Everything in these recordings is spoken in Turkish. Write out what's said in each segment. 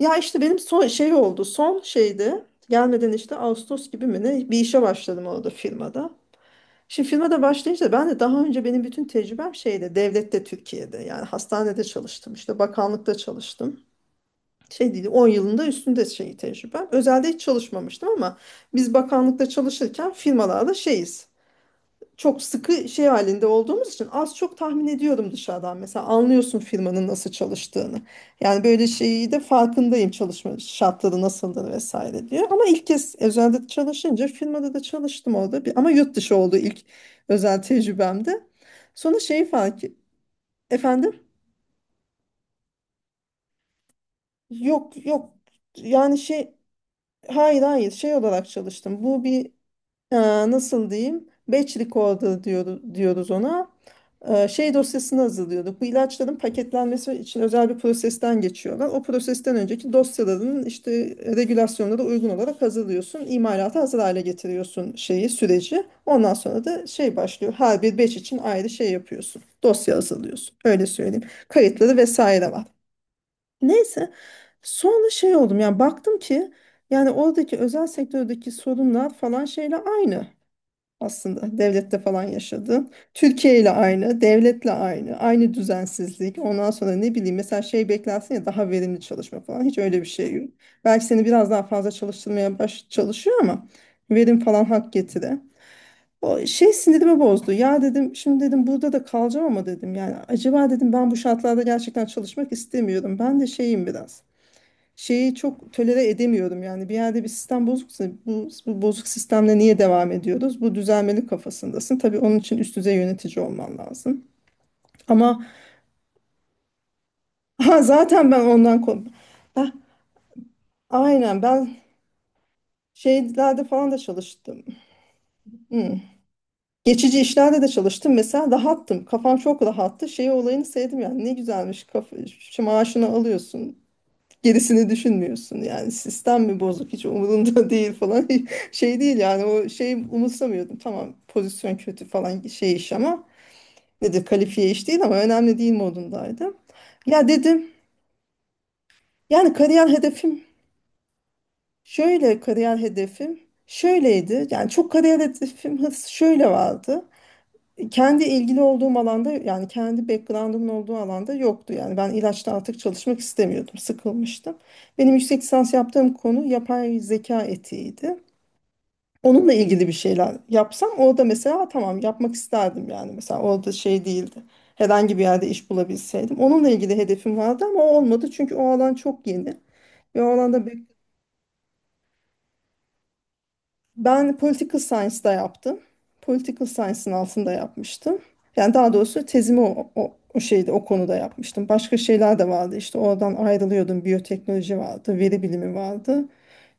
Ya işte benim son şey oldu. Son şeydi. Gelmeden işte Ağustos gibi mi ne bir işe başladım orada firmada. Şimdi firmada başlayınca ben de daha önce benim bütün tecrübem şeyde devlette Türkiye'de yani hastanede çalıştım işte bakanlıkta çalıştım. Şey değil 10 yılında üstünde şey tecrübem. Özelde hiç çalışmamıştım ama biz bakanlıkta çalışırken firmalarda şeyiz çok sıkı şey halinde olduğumuz için az çok tahmin ediyorum dışarıdan. Mesela anlıyorsun firmanın nasıl çalıştığını. Yani böyle şeyi de farkındayım çalışma şartları nasıldır vesaire diye. Ama ilk kez özelde çalışınca firmada da çalıştım orada. Bir, ama yurt dışı oldu ilk özel tecrübemde. Sonra şeyi fark efendim yok yok yani şey hayır hayır şey olarak çalıştım. Bu bir nasıl diyeyim? Batch recorder diyoruz ona. Şey dosyasını hazırlıyorduk. Bu ilaçların paketlenmesi için özel bir prosesten geçiyorlar. O prosesten önceki dosyaların işte regülasyonlara uygun olarak hazırlıyorsun. İmalata hazır hale getiriyorsun şeyi, süreci. Ondan sonra da şey başlıyor. Her bir batch için ayrı şey yapıyorsun. Dosya hazırlıyorsun. Öyle söyleyeyim. Kayıtları vesaire var. Neyse sonra şey oldum yani baktım ki yani oradaki özel sektördeki sorunlar falan şeyle aynı. Aslında devlette falan yaşadın. Türkiye ile aynı, devletle aynı, aynı düzensizlik. Ondan sonra ne bileyim mesela şey beklersin ya daha verimli çalışma falan. Hiç öyle bir şey yok. Belki seni biraz daha fazla çalıştırmaya baş çalışıyor ama verim falan hak getire. O şey sinirimi bozdu. Ya dedim şimdi dedim burada da kalacağım ama dedim yani acaba dedim ben bu şartlarda gerçekten çalışmak istemiyorum. Ben de şeyim biraz şeyi çok tolere edemiyorum yani bir yerde bir sistem bozuksa bu bozuk sistemle niye devam ediyoruz? Bu düzelmeli kafasındasın. Tabii onun için üst düzey yönetici olman lazım. Ama ha, zaten ben ondan kon- Heh, aynen ben şeylerde falan da çalıştım. Hmm. Geçici işlerde de çalıştım mesela rahattım. Kafam çok rahattı. Şey olayını sevdim yani ne güzelmiş. Kafa, şu maaşını alıyorsun. Gerisini düşünmüyorsun yani sistem mi bozuk hiç umurunda değil falan şey değil yani o şeyi umursamıyordum tamam pozisyon kötü falan şey iş ama nedir kalifiye iş değil ama önemli değil modundaydım ya dedim yani kariyer hedefim şöyle kariyer hedefim şöyleydi yani çok kariyer hedefim hırs şöyle vardı kendi ilgili olduğum alanda yani kendi background'ımın olduğu alanda yoktu. Yani ben ilaçta artık çalışmak istemiyordum, sıkılmıştım. Benim yüksek lisans yaptığım konu yapay zeka etiğiydi. Onunla ilgili bir şeyler yapsam orada mesela tamam yapmak isterdim yani mesela orada şey değildi. Herhangi bir yerde iş bulabilseydim. Onunla ilgili hedefim vardı ama o olmadı çünkü o alan çok yeni ve o alanda ben political science'da yaptım. Political science'ın altında yapmıştım. Yani daha doğrusu tezimi o şeyde o konuda yapmıştım. Başka şeyler de vardı işte oradan ayrılıyordum. Biyoteknoloji vardı, veri bilimi vardı.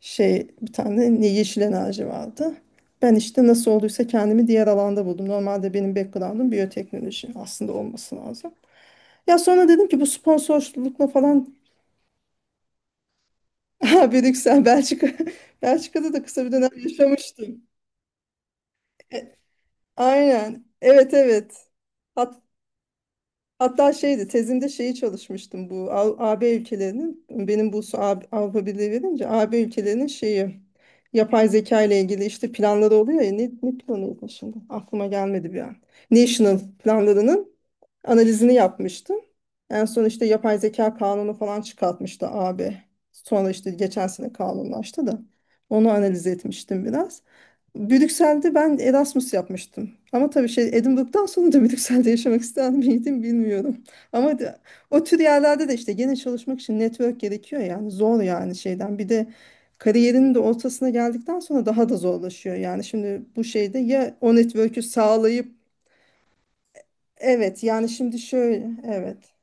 Şey bir tane ne yeşil enerji vardı. Ben işte nasıl olduysa kendimi diğer alanda buldum. Normalde benim background'um biyoteknoloji aslında olması lazım. Ya sonra dedim ki bu sponsorlukla falan ha, Brüksel, Belçika. Belçika'da da kısa bir dönem yaşamıştım. E, Aynen. Evet evet. Hat, hatta şeydi tezimde şeyi çalışmıştım bu A- AB ülkelerinin benim bu su- A- Avrupa Birliği verince AB ülkelerinin şeyi yapay zeka ile ilgili işte planları oluyor ya ne planıydı şimdi aklıma gelmedi bir an. National planlarının analizini yapmıştım. En son işte yapay zeka kanunu falan çıkartmıştı AB. Sonra işte geçen sene kanunlaştı da onu analiz etmiştim biraz. Brüksel'de ben Erasmus yapmıştım. Ama tabii şey Edinburgh'dan sonra da Brüksel'de yaşamak ister miydim bilmiyorum. Ama de- o tür yerlerde de işte gene çalışmak için network gerekiyor yani zor yani şeyden. Bir de kariyerinin de ortasına geldikten sonra daha da zorlaşıyor. Yani şimdi bu şeyde ya o network'ü sağlayıp evet yani şimdi şöyle evet.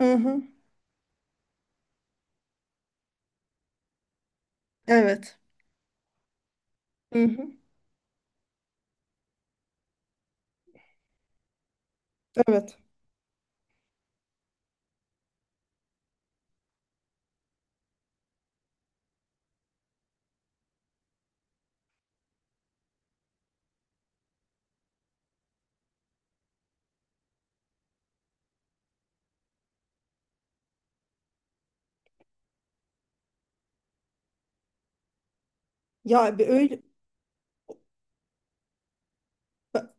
Hı hı. Evet. Hı hı. Evet. Ya bir öyle ba-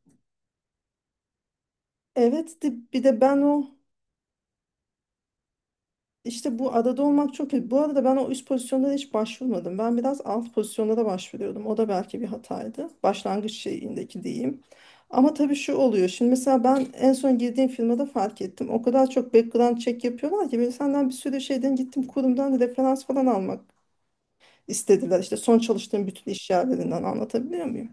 evet de, bir de ben o İşte bu adada olmak çok kötü. Bu arada ben o üst pozisyonlara hiç başvurmadım. Ben biraz alt pozisyonlara başvuruyordum. O da belki bir hataydı. Başlangıç şeyindeki diyeyim. Ama tabii şu oluyor. Şimdi mesela ben en son girdiğim firmada fark ettim. O kadar çok background check yapıyorlar ki böyle senden bir sürü şeyden gittim kurumdan referans falan almak istediler. İşte son çalıştığım bütün iş yerlerinden anlatabiliyor muyum?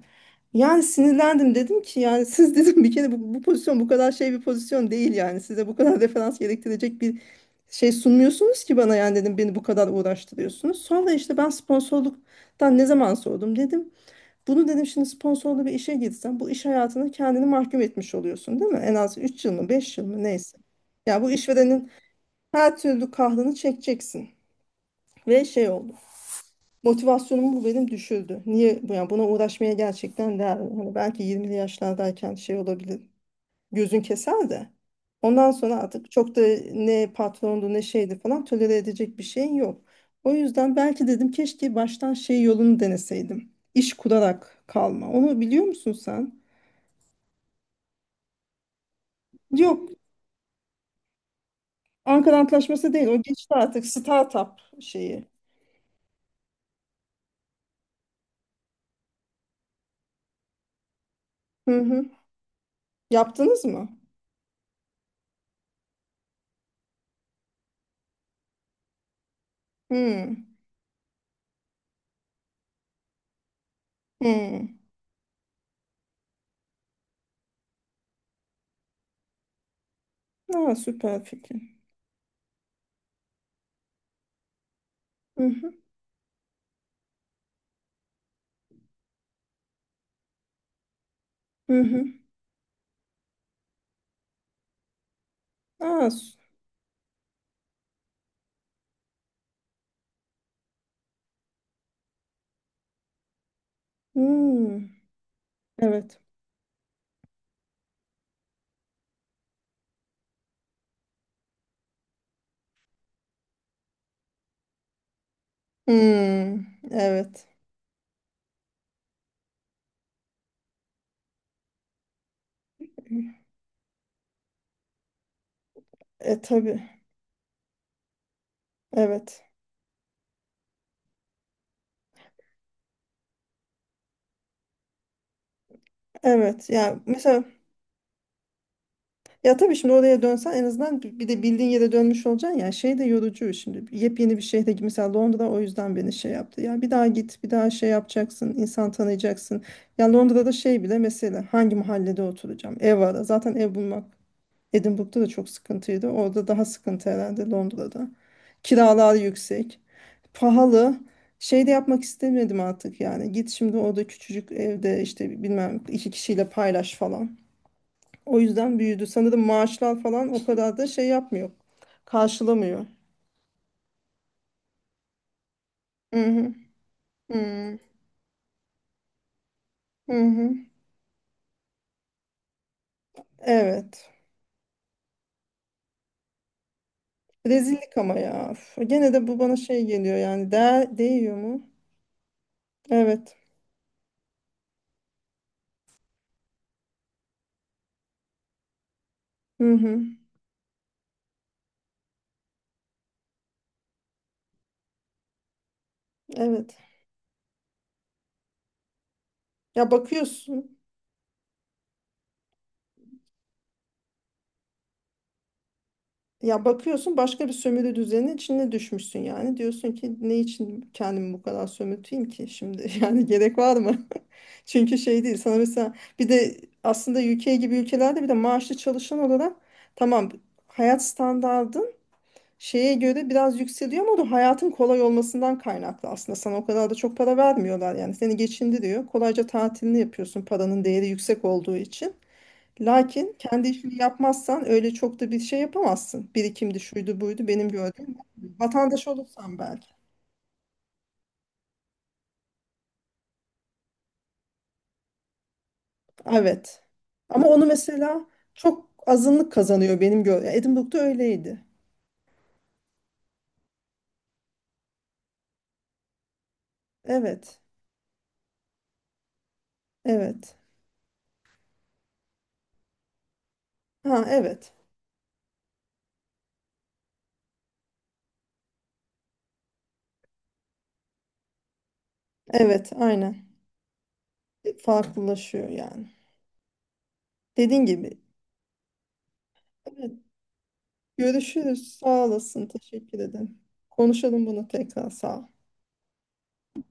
Yani sinirlendim dedim ki yani siz dedim bir kere bu pozisyon bu kadar şey bir pozisyon değil yani size bu kadar referans gerektirecek bir şey sunmuyorsunuz ki bana yani dedim beni bu kadar uğraştırıyorsunuz. Sonra işte ben sponsorluktan ne zaman sordum dedim. Bunu dedim şimdi sponsorlu bir işe girsen bu iş hayatına kendini mahkum etmiş oluyorsun değil mi? En az 3 yıl mı 5 yıl mı neyse. Ya bu işverenin her türlü kahrını çekeceksin. Ve şey oldu. Motivasyonum bu benim düşürdü. Niye bu yani buna uğraşmaya gerçekten değer mi? Hani belki 20'li yaşlardayken şey olabilir. Gözün keser de. Ondan sonra artık çok da ne patrondu ne şeydi falan tolere edecek bir şeyin yok. O yüzden belki dedim keşke baştan şey yolunu deneseydim. İş kurarak kalma. Onu biliyor musun sen? Yok. Ankara Antlaşması değil. O geçti artık startup şeyi. Hı hı. Yaptınız mı? Hı. Hı. Ha, süper fikir. Hı hı. Hı hı. Aa, s- hmm, evet. Hmm, evet. E tabii. Evet. Evet. Ya mesela ya tabii şimdi oraya dönsen en azından bi- bir de bildiğin yere dönmüş olacaksın ya şey de yorucu şimdi yepyeni bir şehre mesela Londra o yüzden beni şey yaptı ya bir daha git bir daha şey yapacaksın insan tanıyacaksın ya Londra'da şey bile mesela hangi mahallede oturacağım ev var zaten ev bulmak Edinburgh'da da çok sıkıntıydı. Orada daha sıkıntı herhalde Londra'da. Kiralar yüksek. Pahalı. Şey de yapmak istemedim artık yani. Git şimdi orada küçücük evde işte bilmem iki kişiyle paylaş falan. O yüzden büyüdü. Sanırım maaşlar falan o kadar da şey yapmıyor. Karşılamıyor. Hı hı. Hı hı. Hı. Evet. Rezillik ama ya. Üf, gene de bu bana şey geliyor yani. Değer, değiyor mu? Evet. Hı hı. Evet. Ya bakıyorsun. Ya bakıyorsun başka bir sömürü düzeninin içine düşmüşsün yani. Diyorsun ki ne için kendimi bu kadar sömürteyim ki şimdi? Yani gerek var mı? Çünkü şey değil. Sana mesela bir de aslında ülke gibi ülkelerde bir de maaşlı çalışan olarak tamam hayat standardın şeye göre biraz yükseliyor ama o da hayatın kolay olmasından kaynaklı aslında. Sana o kadar da çok para vermiyorlar yani. Seni geçindiriyor. Kolayca tatilini yapıyorsun paranın değeri yüksek olduğu için. Lakin kendi işini yapmazsan öyle çok da bir şey yapamazsın. Birikimdi şuydu buydu benim gördüğüm. Vatandaş olursan belki. Evet. Ama onu mesela çok azınlık kazanıyor benim gördüğüm. Edinburgh'da öyleydi. Evet. Evet. Ha evet. Evet aynen. Farklılaşıyor yani. Dediğin gibi. Evet. Görüşürüz. Sağ olasın. Teşekkür ederim. Konuşalım bunu tekrar. Sağ ol.